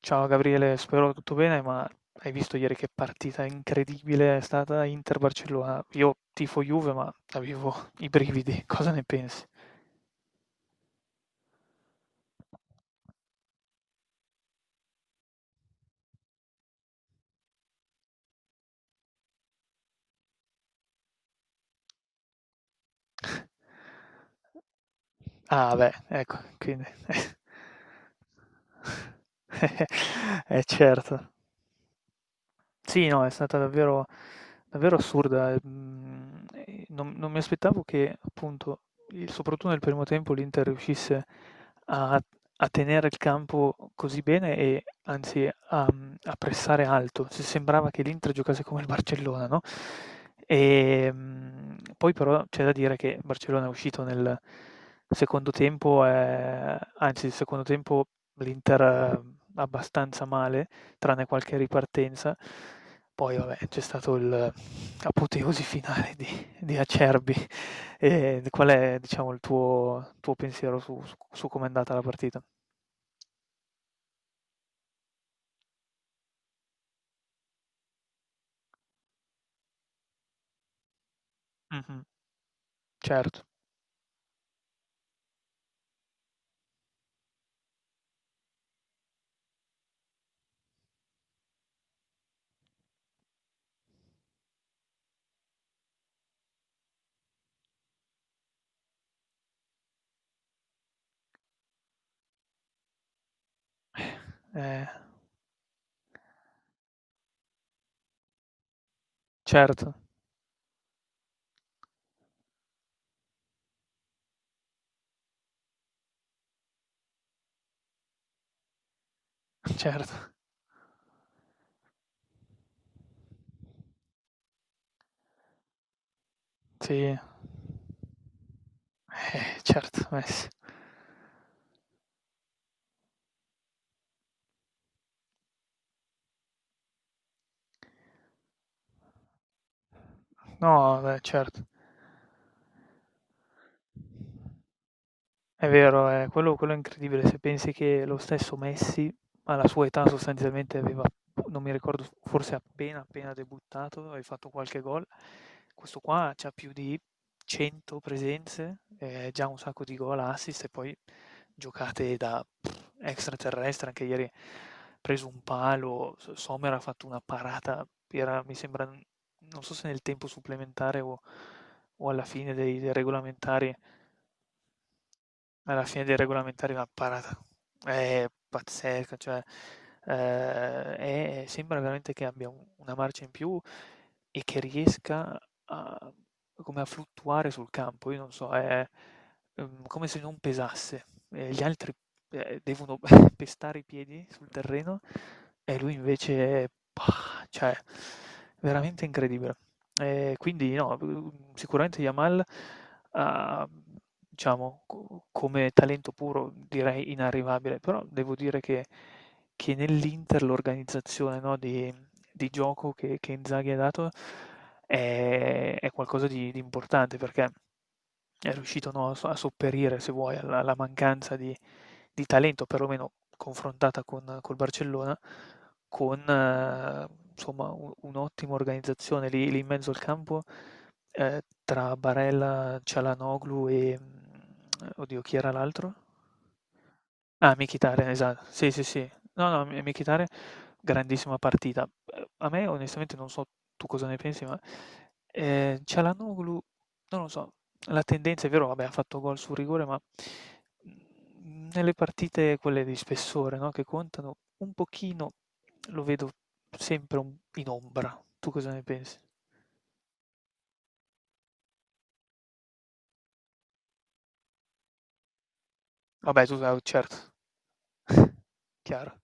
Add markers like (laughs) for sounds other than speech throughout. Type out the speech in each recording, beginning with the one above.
Ciao Gabriele, spero tutto bene, ma hai visto ieri che partita incredibile è stata Inter-Barcellona? Io tifo Juve, ma avevo i brividi, (laughs) cosa ne pensi? (laughs) Ah, beh, ecco, quindi. (laughs) Eh certo. Sì, no, è stata davvero davvero assurda. Mhmm, non mi aspettavo che appunto, il soprattutto nel primo tempo l'Inter riuscisse a a tenere il campo così bene e anzi a pressare alto. Se sembrava che l'Inter giocasse come il Barcellona, no. Poi però c'è da dire che il Barcellona è uscito nel secondo tempo, anzi il secondo tempo l'Inter abbastanza male, tranne qualche ripartenza. Poi vabbè, c'è stato il apoteosi finale di, Acerbi. E qual è, diciamo, il tuo pensiero su com'è andata la partita? Mh-mh. Certo, eh, certo, certo, sì, certo, eh sì. No, beh, certo. È vero, quello è incredibile. Se pensi che lo stesso Messi, alla sua età, sostanzialmente aveva, non mi ricordo, forse appena debuttato, aveva fatto qualche gol. Questo qua c'ha più di 100 presenze, già un sacco di gol, assist, e poi giocate da pff, extraterrestre. Anche ieri ha preso un palo, Sommer ha fatto una parata, era, mi sembra, non so se nel tempo supplementare o alla fine dei regolamentari, una parata è pazzesca, cioè, è sembra veramente che abbia u una marcia in più e che riesca a come a fluttuare sul campo. Io non so, come se non pesasse, e gli altri, devono (laughs) pestare i piedi sul terreno, e lui invece pah, cioè veramente incredibile. Quindi no, sicuramente Yamal ha Diciamo, co come talento puro direi inarrivabile, però devo dire che nell'Inter l'organizzazione, no, di gioco che Inzaghi ha dato è qualcosa di importante, perché è riuscito, no, a sopperire, se vuoi, alla mancanza di talento, perlomeno confrontata con col Barcellona, con insomma u un'ottima organizzazione lì lì in mezzo al campo, ehm, tra Barella, Çalhanoğlu e, oddio, chi era l'altro? Ah, Mkhitaryan, esa sì, sì, sì. No, no, M Mkhitaryan, grandissima partita. A me, onestamente, non so tu cosa ne pensi, ma, Çalhanoğlu, non lo so, la tendenza, è vero, vabbè, ha fatto gol sul rigore, ma, nelle partite quelle di spessore, no, che contano, un pochino lo vedo sempre un in ombra. Tu cosa ne pensi? Vabbè, tu certo, (laughs) chiaro.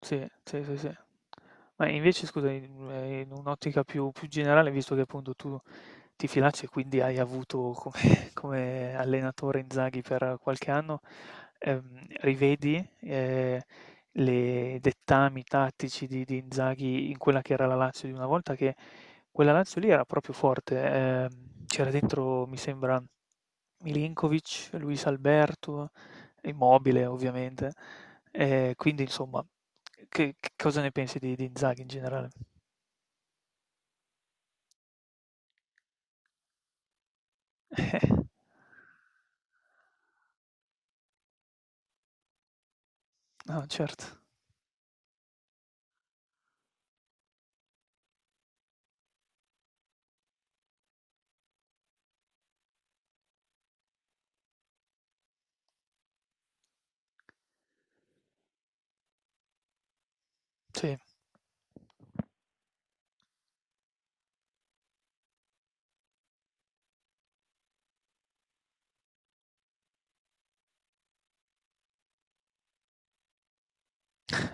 Sì, sì, sì, sì. Ma invece scusami, in un'ottica più generale, visto che appunto tu ti filacci e quindi hai avuto come (laughs) come allenatore Inzaghi per qualche anno, rivedi, le dettami tattici di Inzaghi in quella che era la Lazio di una volta? Che quella Lazio lì era proprio forte, c'era dentro, mi sembra, Milinkovic, Luis Alberto, Immobile ovviamente, quindi insomma, che cosa ne pensi di Inzaghi in generale? (laughs) No, certo. Sì,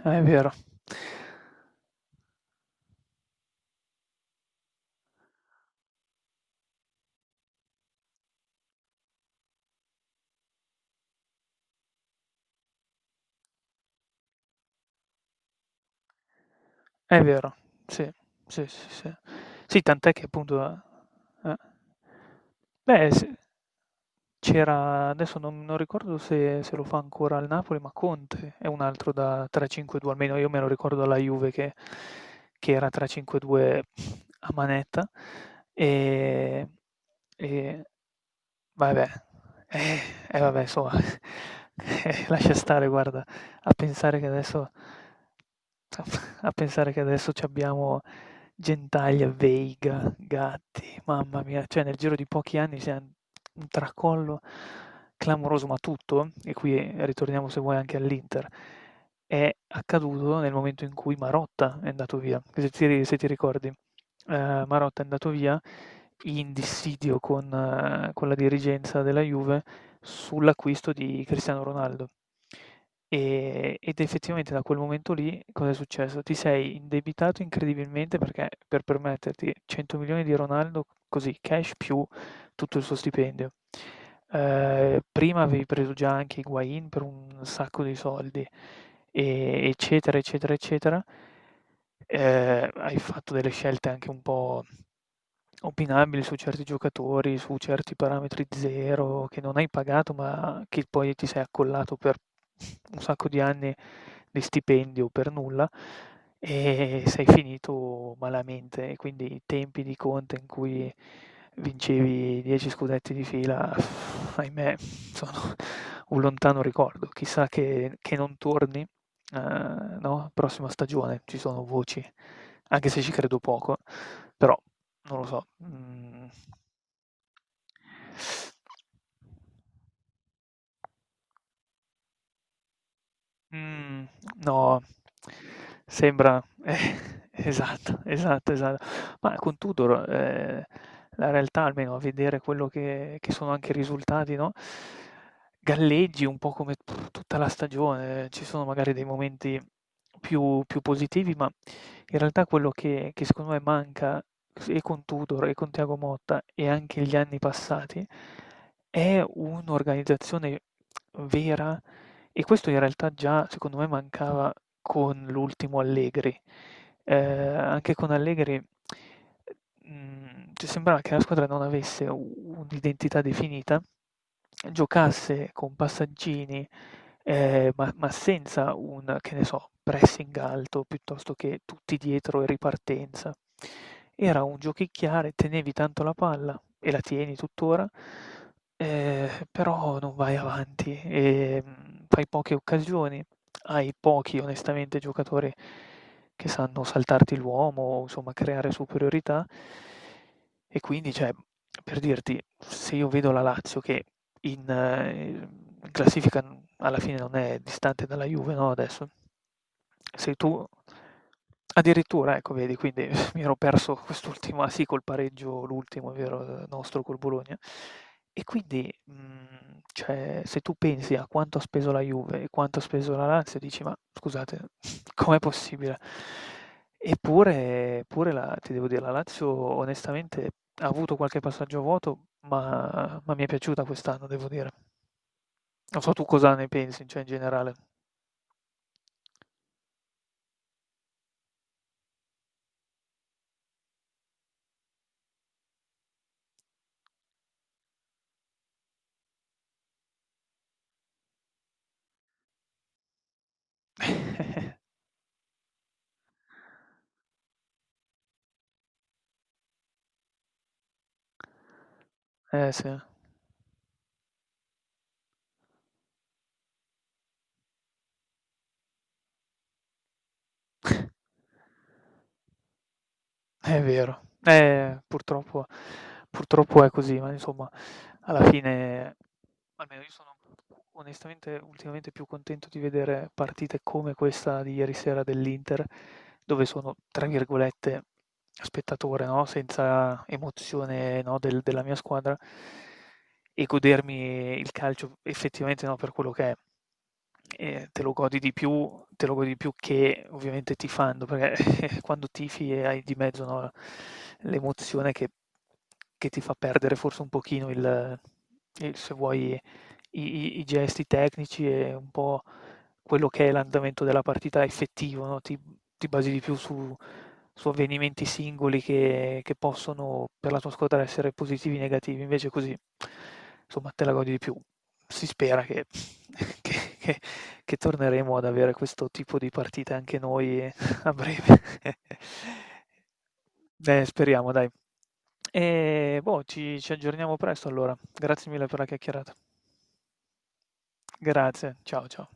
è vero, è vero. Sì, sì, sì, sì. Sì, tant'è che appunto. Beh, s c'era, adesso non ricordo se lo fa ancora al Napoli, ma Conte è un altro da 3-5-2, almeno io me lo ricordo alla Juve che era 3-5-2 a manetta, ehm, e Vabbè, eh, vabbè insomma, (laughs) lascia stare, guarda, a pensare che adesso c'abbiamo Gentaglia, Veiga, Gatti, mamma mia, cioè nel giro di pochi anni c'è un tracollo clamoroso. Ma tutto, e qui ritorniamo se vuoi anche all'Inter, è accaduto nel momento in cui Marotta è andato via, se ti ricordi, Marotta è andato via in dissidio con la dirigenza della Juve sull'acquisto di Cristiano Ronaldo. Ed effettivamente da quel momento lì cosa è successo? Ti sei indebitato incredibilmente, perché per permetterti 100 milioni di Ronaldo così cash, più tutto il suo stipendio. Prima avevi preso già anche Higuain per un sacco di soldi, eccetera, eccetera, eccetera. Hai fatto delle scelte anche un po' opinabile su certi giocatori, su certi parametri 0 che non hai pagato, ma che poi ti sei accollato per un sacco di anni di stipendio per nulla, e sei finito malamente. E quindi i tempi di Conte in cui vincevi 10 scudetti di fila, ahimè, sono un lontano ricordo. Chissà che non torni, eh, no? Prossima stagione ci sono voci, anche se ci credo poco, però, non lo so, mhmm Mh, no, sembra (laughs) esatto, esatto, esatto. Ma con Tudor, la realtà, almeno a vedere quello che sono anche i risultati, no, galleggi un po' come tutta la stagione. Ci sono magari dei momenti più positivi, ma in realtà quello che secondo me manca s e con Tudor e con Thiago Motta, e anche gli anni passati, è un'organizzazione vera, e questo in realtà già secondo me mancava con l'ultimo Allegri. Anche con Allegri, mhmm, cioè sembrava che la squadra non avesse u un'identità definita, giocasse con passaggini, ma senza un, che ne so, pressing alto piuttosto che tutti dietro e ripartenza. Era un giochicchiare, tenevi tanto la palla e la tieni tuttora, però non vai avanti, fai poche occasioni, hai pochi, onestamente, giocatori che sanno saltarti l'uomo o insomma creare superiorità, e quindi, cioè, per dirti, se io vedo la Lazio che in ehm, in classifica, n alla fine, non è distante dalla Juve, no, adesso? Sei tu addirittura, ecco vedi, quindi (laughs) mi ero perso quest'ultimo, ah sì, col pareggio l'ultimo, è vero, nostro col Bologna. E quindi, cioè, se tu pensi a quanto ha speso la Juve e quanto ha speso la Lazio, dici: "Ma scusate, (laughs) com'è possibile?" Eppure la ti devo dire, la Lazio onestamente ha avuto qualche passaggio vuoto, ma mi è piaciuta quest'anno, devo dire. Non so tu cosa ne pensi, cioè in generale. (laughs) Eh sì, (laughs) è vero. Purtroppo purtroppo è così, ma insomma, alla fine, almeno io sono, onestamente, ultimamente più contento di vedere partite come questa di ieri sera dell'Inter, dove sono, tra virgolette, spettatore, no? Senza emozione, no, della mia squadra, e godermi il calcio effettivamente, no, per quello che è. E te lo godi di più, che ovviamente tifando, perché (laughs) quando tifi e hai di mezzo, no, l'emozione che ti fa perdere forse un pochino se vuoi i i gesti tecnici, e un po' quello che è l'andamento della partita effettivo, no, ti basi di più su avvenimenti singoli che possono, per la tua squadra, essere positivi o negativi. Invece così, insomma, te la godi di più. Si spera che (laughs) che che che torneremo ad avere questo tipo di partite anche noi, (laughs) a breve. (laughs) Speriamo dai. E boh, ci aggiorniamo presto allora. Grazie mille per la chiacchierata. Grazie, ciao, ciao.